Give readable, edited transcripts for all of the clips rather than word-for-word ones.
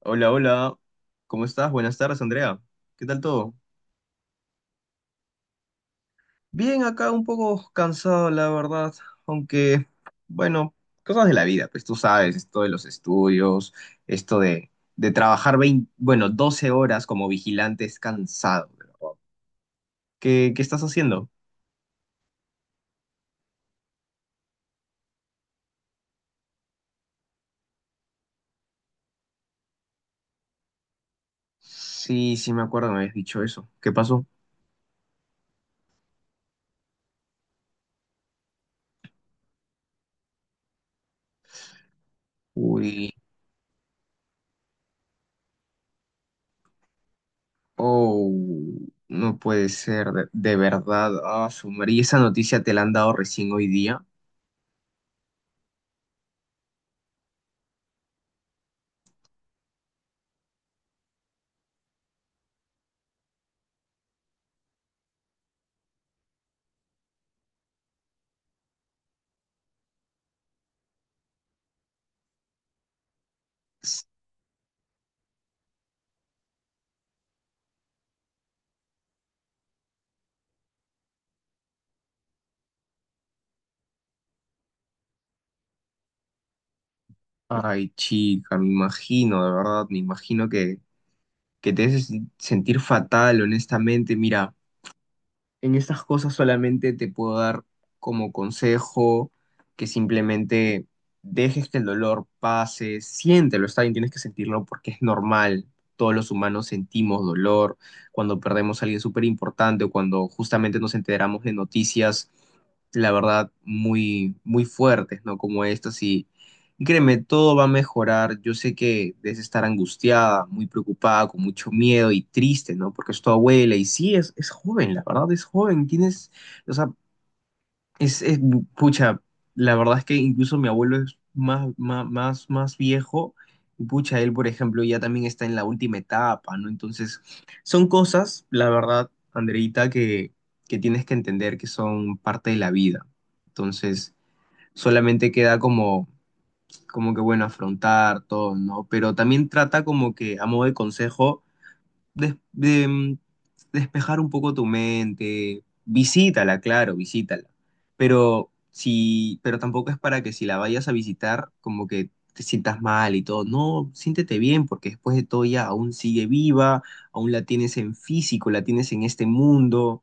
Hola, hola. ¿Cómo estás? Buenas tardes, Andrea. ¿Qué tal todo? Bien, acá un poco cansado, la verdad. Aunque, bueno, cosas de la vida, pues tú sabes, esto de los estudios, esto de, de trabajar 20 bueno, 12 horas como vigilante es cansado. ¿Qué estás haciendo? Sí, sí, me acuerdo, me habías dicho eso. ¿Qué pasó? Uy, oh, no puede ser, de verdad. Ah, su madre. ¿Y esa noticia te la han dado recién hoy día? Ay, chica, me imagino, de verdad, que te haces sentir fatal, honestamente. Mira, en estas cosas solamente te puedo dar como consejo que simplemente dejes que el dolor pase, siéntelo, está bien, tienes que sentirlo porque es normal. Todos los humanos sentimos dolor cuando perdemos a alguien súper importante o cuando justamente nos enteramos de noticias, la verdad, muy, muy fuertes, ¿no? Como estas y créeme, todo va a mejorar. Yo sé que debes estar angustiada, muy preocupada, con mucho miedo y triste, ¿no? Porque es tu abuela y sí, es joven, la verdad, es joven. Tienes, o sea, es, pucha, la verdad es que incluso mi abuelo es más, más, más viejo y pucha, él, por ejemplo, ya también está en la última etapa, ¿no? Entonces, son cosas, la verdad, Andreita, que tienes que entender que son parte de la vida. Entonces, solamente queda como que bueno, afrontar todo, ¿no? Pero también trata como que, a modo de consejo, des- de, mm, despejar un poco tu mente, visítala, claro, visítala. Pero si, pero tampoco es para que si la vayas a visitar, como que te sientas mal y todo. No, siéntete bien, porque después de todo ya aún sigue viva, aún la tienes en físico, la tienes en este mundo.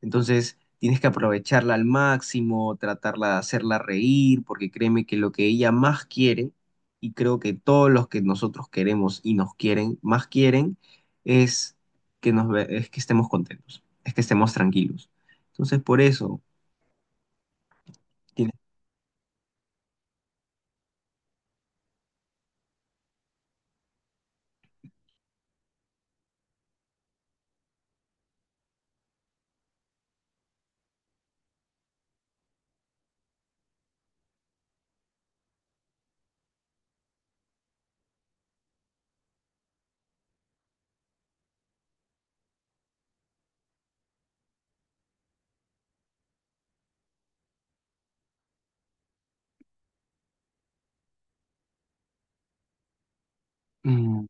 Entonces, tienes que aprovecharla al máximo, tratarla de hacerla reír, porque créeme que lo que ella más quiere, y creo que todos los que nosotros queremos y nos quieren, más quieren, es es que estemos contentos, es que estemos tranquilos. Entonces, por eso, tienes- Mm,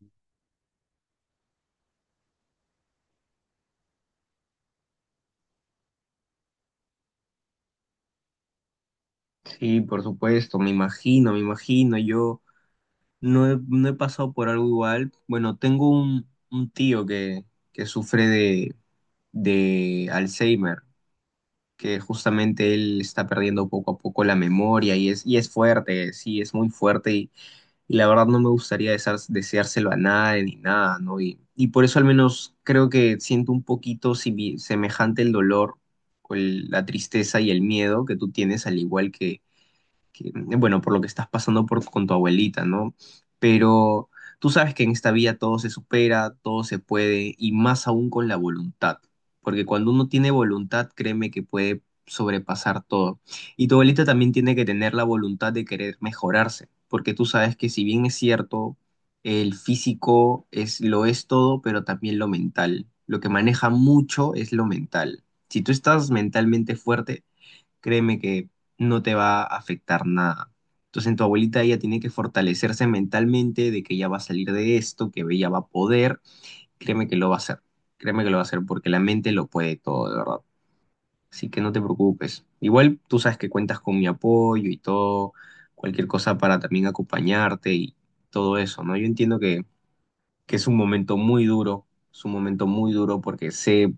sí, por supuesto, me imagino, yo no he pasado por algo igual. Bueno, tengo un tío que sufre de Alzheimer. Que justamente él está perdiendo poco a poco la memoria y es fuerte, sí, es muy fuerte y la verdad no me gustaría deseárselo a nadie ni nada, ¿no? Y por eso al menos creo que siento un poquito semejante el dolor o la tristeza y el miedo que tú tienes, al igual que bueno, por lo que estás pasando por, con tu abuelita, ¿no? Pero tú sabes que en esta vida todo se supera, todo se puede, y más aún con la voluntad, porque cuando uno tiene voluntad, créeme que puede sobrepasar todo. Y tu abuelita también tiene que tener la voluntad de querer mejorarse, porque tú sabes que si bien es cierto, el físico es, lo es todo, pero también lo mental. Lo que maneja mucho es lo mental. Si tú estás mentalmente fuerte, créeme que no te va a afectar nada. Entonces, en tu abuelita ella tiene que fortalecerse mentalmente de que ella va a salir de esto, que ella va a poder. Créeme que lo va a hacer. Créeme que lo va a hacer porque la mente lo puede todo, de verdad. Así que no te preocupes. Igual tú sabes que cuentas con mi apoyo y todo, cualquier cosa para también acompañarte y todo eso, ¿no? Yo entiendo que es un momento muy duro, es un momento muy duro porque sé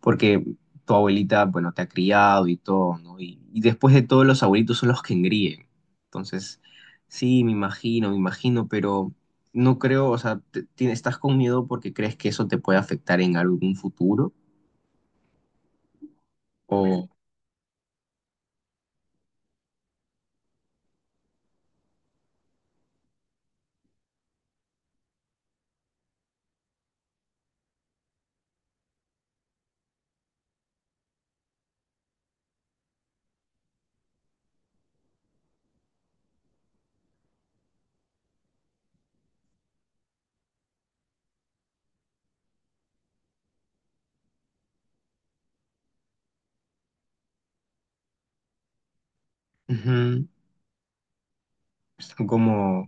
porque tu abuelita, bueno, te ha criado y todo, ¿no? Y después de todo, los abuelitos son los que engríen. Entonces, sí, me imagino, pero no creo, o sea, estás con miedo porque crees que eso te puede afectar en algún futuro o. Ujú, como,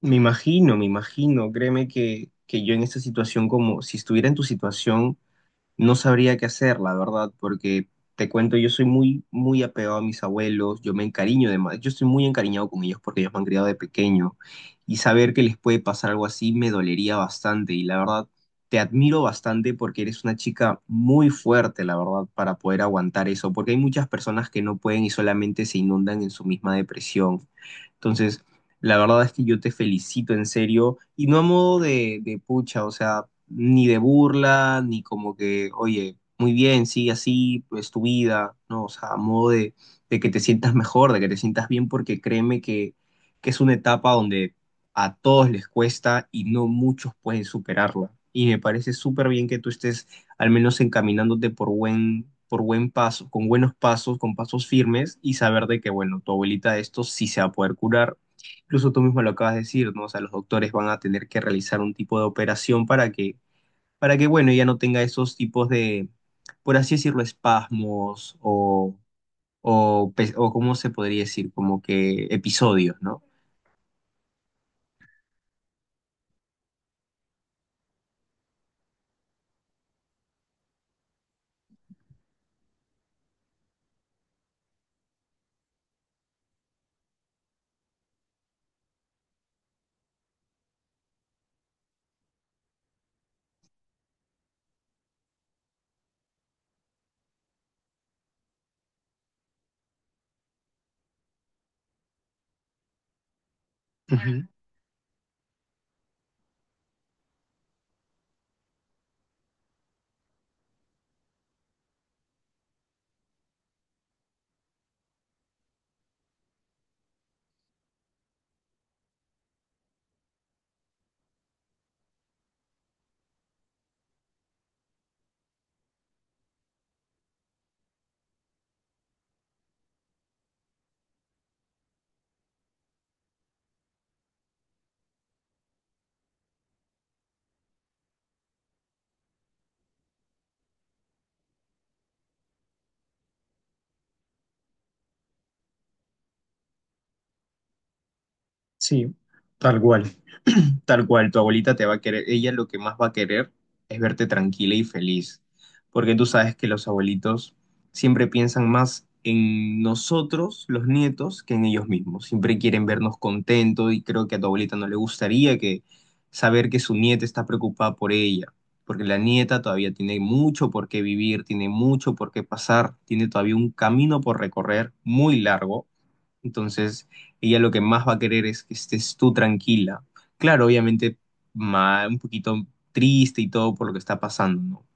me imagino, créeme que yo en esta situación, como si estuviera en tu situación, no sabría qué hacer, la verdad, porque te cuento, yo soy muy, muy apegado a mis abuelos, yo me encariño de más, yo estoy muy encariñado con ellos porque ellos me han criado de pequeño y saber que les puede pasar algo así me dolería bastante y la verdad te admiro bastante porque eres una chica muy fuerte, la verdad, para poder aguantar eso, porque hay muchas personas que no pueden y solamente se inundan en su misma depresión. Entonces, la verdad es que yo te felicito en serio y no a modo de pucha, o sea, ni de burla, ni como que, oye, muy bien, sigue así, pues tu vida, no, o sea, a modo de que te sientas mejor, de que te sientas bien, porque créeme que es una etapa donde a todos les cuesta y no muchos pueden superarla. Y me parece súper bien que tú estés al menos encaminándote por buen paso, con buenos pasos, con pasos firmes y saber de que, bueno, tu abuelita de esto sí se va a poder curar. Incluso tú mismo lo acabas de decir, ¿no? O sea, los doctores van a tener que realizar un tipo de operación para que, bueno, ella no tenga esos tipos de, por así decirlo, espasmos o, ¿cómo se podría decir? Como que episodios, ¿no? Sí, tal cual. Tal cual, tu abuelita te va a querer, ella lo que más va a querer es verte tranquila y feliz, porque tú sabes que los abuelitos siempre piensan más en nosotros, los nietos, que en ellos mismos. Siempre quieren vernos contentos y creo que a tu abuelita no le gustaría que saber que su nieta está preocupada por ella, porque la nieta todavía tiene mucho por qué vivir, tiene mucho por qué pasar, tiene todavía un camino por recorrer muy largo. Entonces, ella lo que más va a querer es que estés tú tranquila. Claro, obviamente, un poquito triste y todo por lo que está pasando, ¿no?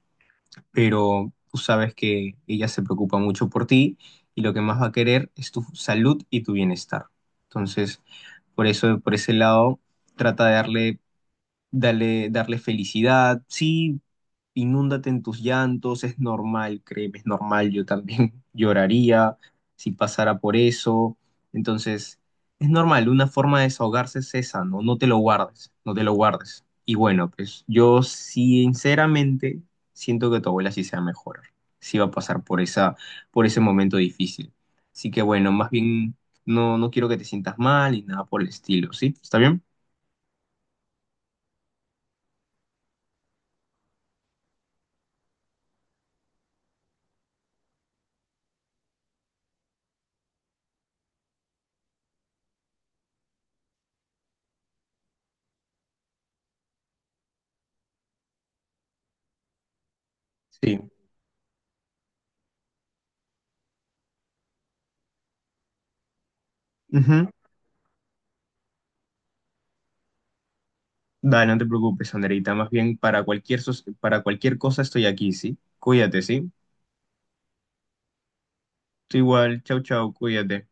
Pero tú sabes que ella se preocupa mucho por ti y lo que más va a querer es tu salud y tu bienestar. Entonces, por eso, por ese lado, trata de darle, darle felicidad. Sí, inúndate en tus llantos, es normal, créeme, es normal, yo también lloraría si pasara por eso. Entonces, es normal, una forma de desahogarse es esa, ¿no? No te lo guardes, no te lo guardes. Y bueno, pues yo sinceramente siento que tu abuela sí se va a mejorar, sí va a pasar por esa, por ese momento difícil. Así que bueno, más bien no quiero que te sientas mal y nada por el estilo, ¿sí? ¿Está bien? Sí. Ujú. Dale, no te preocupes, Anderita. Más bien, para cualquier, para cualquier cosa estoy aquí, ¿sí? Cuídate, ¿sí? Tú igual, chau, chau, cuídate.